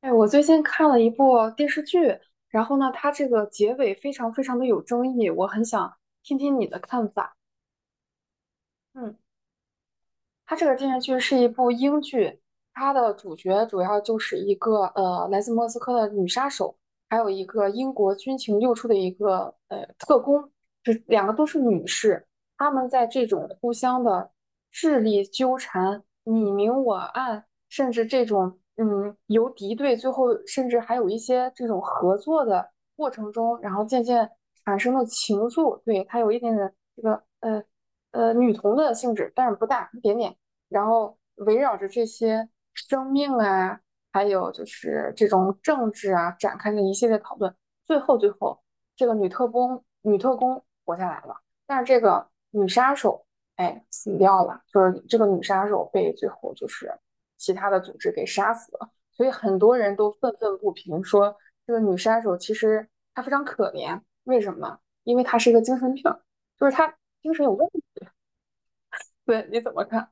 哎，我最近看了一部电视剧，然后呢，它这个结尾非常非常的有争议，我很想听听你的看法。嗯。它这个电视剧是一部英剧，它的主角主要就是一个来自莫斯科的女杀手，还有一个英国军情六处的一个特工，这两个都是女士。她们在这种互相的智力纠缠、你明我暗，甚至这种由敌对，最后甚至还有一些这种合作的过程中，然后渐渐产生了情愫。对，它有一点点这个女同的性质，但是不大，一点点。然后围绕着这些生命啊，还有就是这种政治啊，展开了一系列讨论。最后，这个女特工活下来了，但是这个女杀手哎死掉了，就是这个女杀手被最后就是其他的组织给杀死了。所以很多人都愤愤不平，说这个女杀手其实她非常可怜，为什么？因为她是一个精神病，就是她精神有问题。对，你怎么看？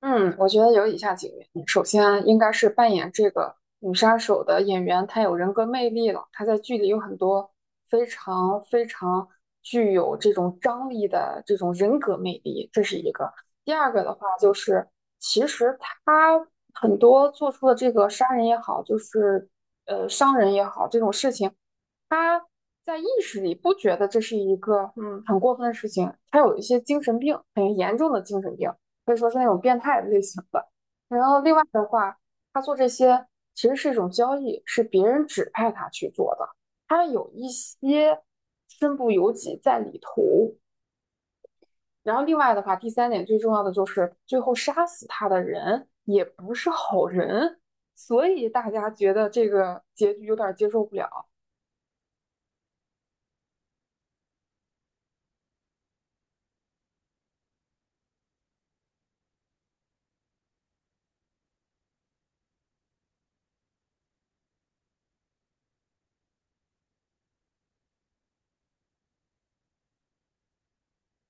嗯，我觉得有以下几个原因。首先啊，应该是扮演这个女杀手的演员，她有人格魅力了。她在剧里有很多非常非常具有这种张力的这种人格魅力，这是一个。第二个的话，就是其实她很多做出的这个杀人也好，就是伤人也好，这种事情，她在意识里不觉得这是一个很过分的事情，她有一些精神病，很严重的精神病。可以说是那种变态的类型的。然后另外的话，他做这些其实是一种交易，是别人指派他去做的，他有一些身不由己在里头。然后另外的话，第三点最重要的就是最后杀死他的人也不是好人，所以大家觉得这个结局有点接受不了。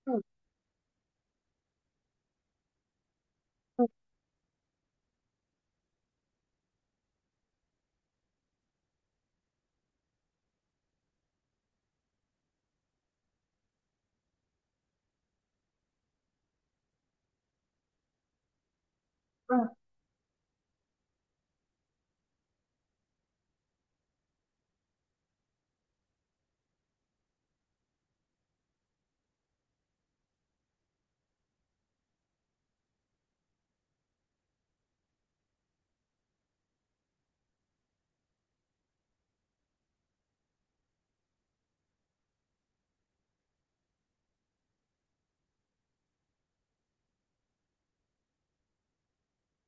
嗯嗯嗯，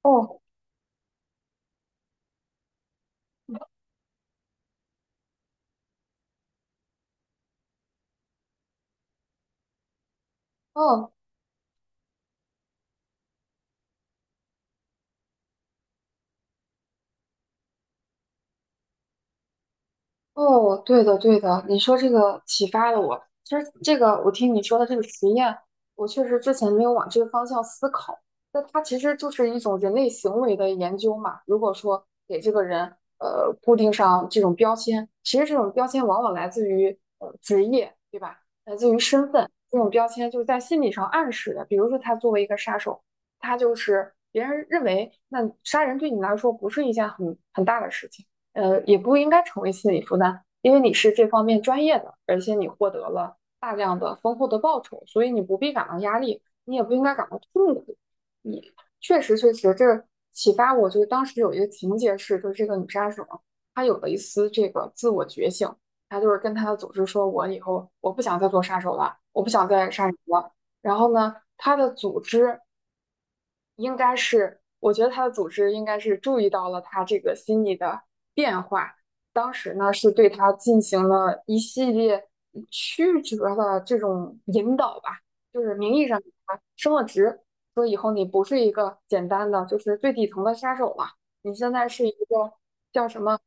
哦哦。哦，对的，对的，你说这个启发了我。其实这个，我听你说的这个实验，我确实之前没有往这个方向思考。那它其实就是一种人类行为的研究嘛。如果说给这个人固定上这种标签，其实这种标签往往来自于职业，对吧？来自于身份，这种标签就是在心理上暗示的。比如说，他作为一个杀手，他就是别人认为那杀人对你来说不是一件很大的事情。也不应该成为心理负担，因为你是这方面专业的，而且你获得了大量的丰厚的报酬，所以你不必感到压力，你也不应该感到痛苦。你确实，这启发我，就是当时有一个情节是，就是这个女杀手，她有了一丝这个自我觉醒，她就是跟她的组织说，我以后我不想再做杀手了，我不想再杀人了。然后呢，她的组织应该是，我觉得他的组织应该是注意到了他这个心理的变化，当时呢是对他进行了一系列曲折的这种引导吧，就是名义上给他升了职，说以后你不是一个简单的就是最底层的杀手了，你现在是一个叫什么？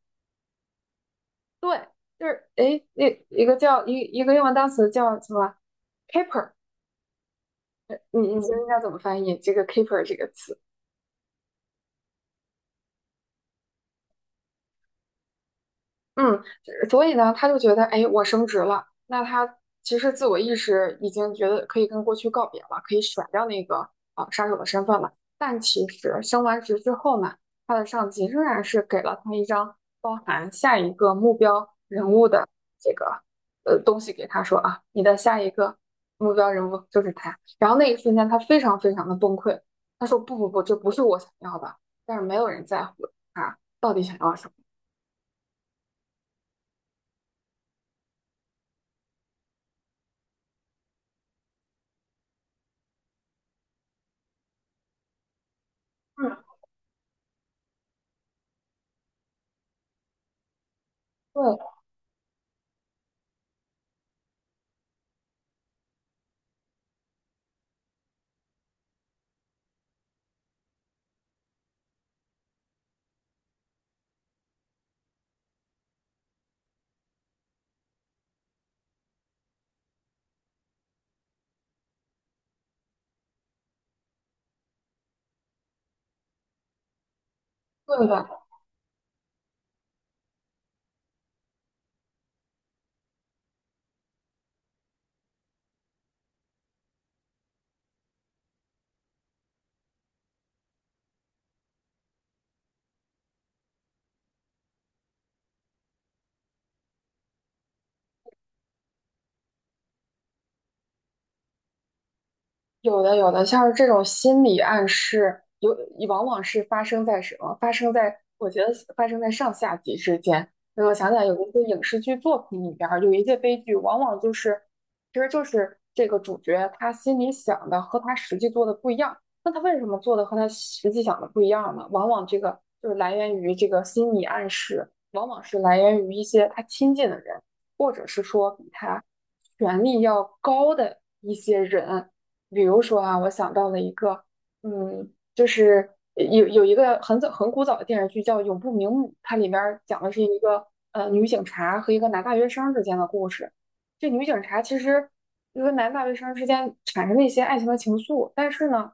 对，就是诶，那一个叫一个英文单词叫什么？keeper，你觉得应该怎么翻译这个 keeper 这个词？嗯，所以呢，他就觉得，哎，我升职了，那他其实自我意识已经觉得可以跟过去告别了，可以甩掉那个杀手的身份了。但其实升完职之后呢，他的上级仍然是给了他一张包含下一个目标人物的这个东西给他说啊，你的下一个目标人物就是他。然后那一瞬间，他非常非常的崩溃，他说不，这不是我想要的，但是没有人在乎他到底想要什么。嗯，对。对的，有的有的，像是这种心理暗示，有往往是发生在什么？发生在我觉得是发生在上下级之间。所以我想起来有一些影视剧作品里边儿，有一些悲剧，往往就是其实就是这个主角他心里想的和他实际做的不一样。那他为什么做的和他实际想的不一样呢？往往这个就是来源于这个心理暗示，往往是来源于一些他亲近的人，或者是说比他权力要高的一些人。比如说啊，我想到了一个，嗯，就是有一个很早很古早的电视剧叫《永不瞑目》，它里边儿讲的是一个女警察和一个男大学生之间的故事。这女警察其实就跟男大学生之间产生了一些爱情的情愫，但是呢，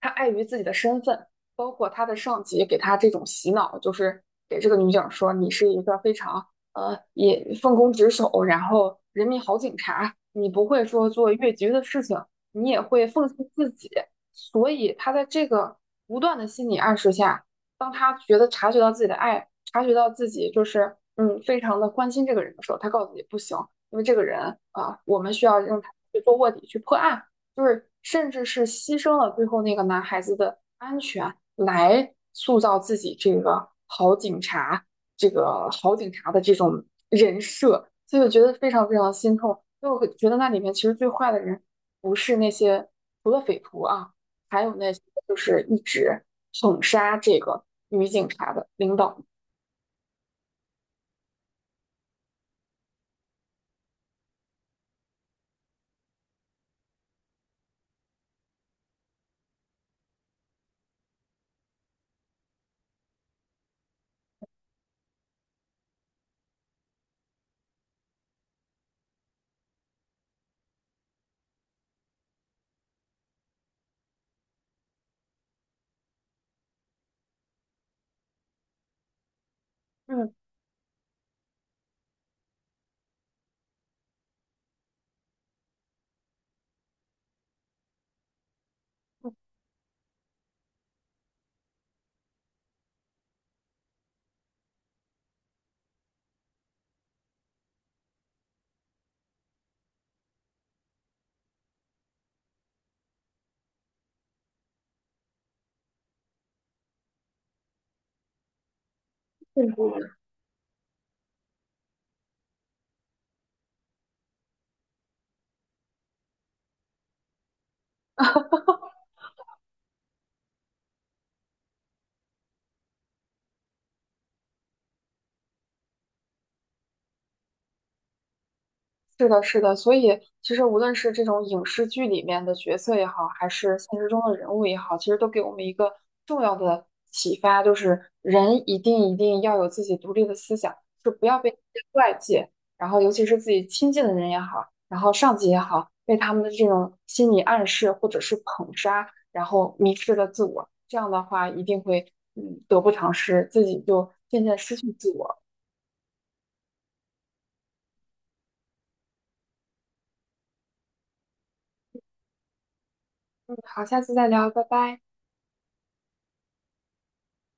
她碍于自己的身份，包括她的上级给她这种洗脑，就是给这个女警说你是一个非常也奉公职守，然后人民好警察，你不会说做越级的事情。你也会奉献自己。所以他在这个不断的心理暗示下，当他觉得察觉到自己的爱，察觉到自己就是非常的关心这个人的时候，他告诉你不行，因为这个人啊，我们需要让他去做卧底，去破案，就是甚至是牺牲了最后那个男孩子的安全来塑造自己这个好警察，这个好警察的这种人设。所以我觉得非常非常心痛，所以我会觉得那里面其实最坏的人不是那些除了匪徒啊，还有那些就是一直捧杀这个女警察的领导，嗯，甚至是的，是的，所以其实无论是这种影视剧里面的角色也好，还是现实中的人物也好，其实都给我们一个重要的启发，就是人一定一定要有自己独立的思想，就不要被这些外界，然后尤其是自己亲近的人也好，然后上级也好，被他们的这种心理暗示或者是捧杀，然后迷失了自我，这样的话一定会得不偿失，自己就渐渐失去自我。嗯，好，下次再聊，拜拜。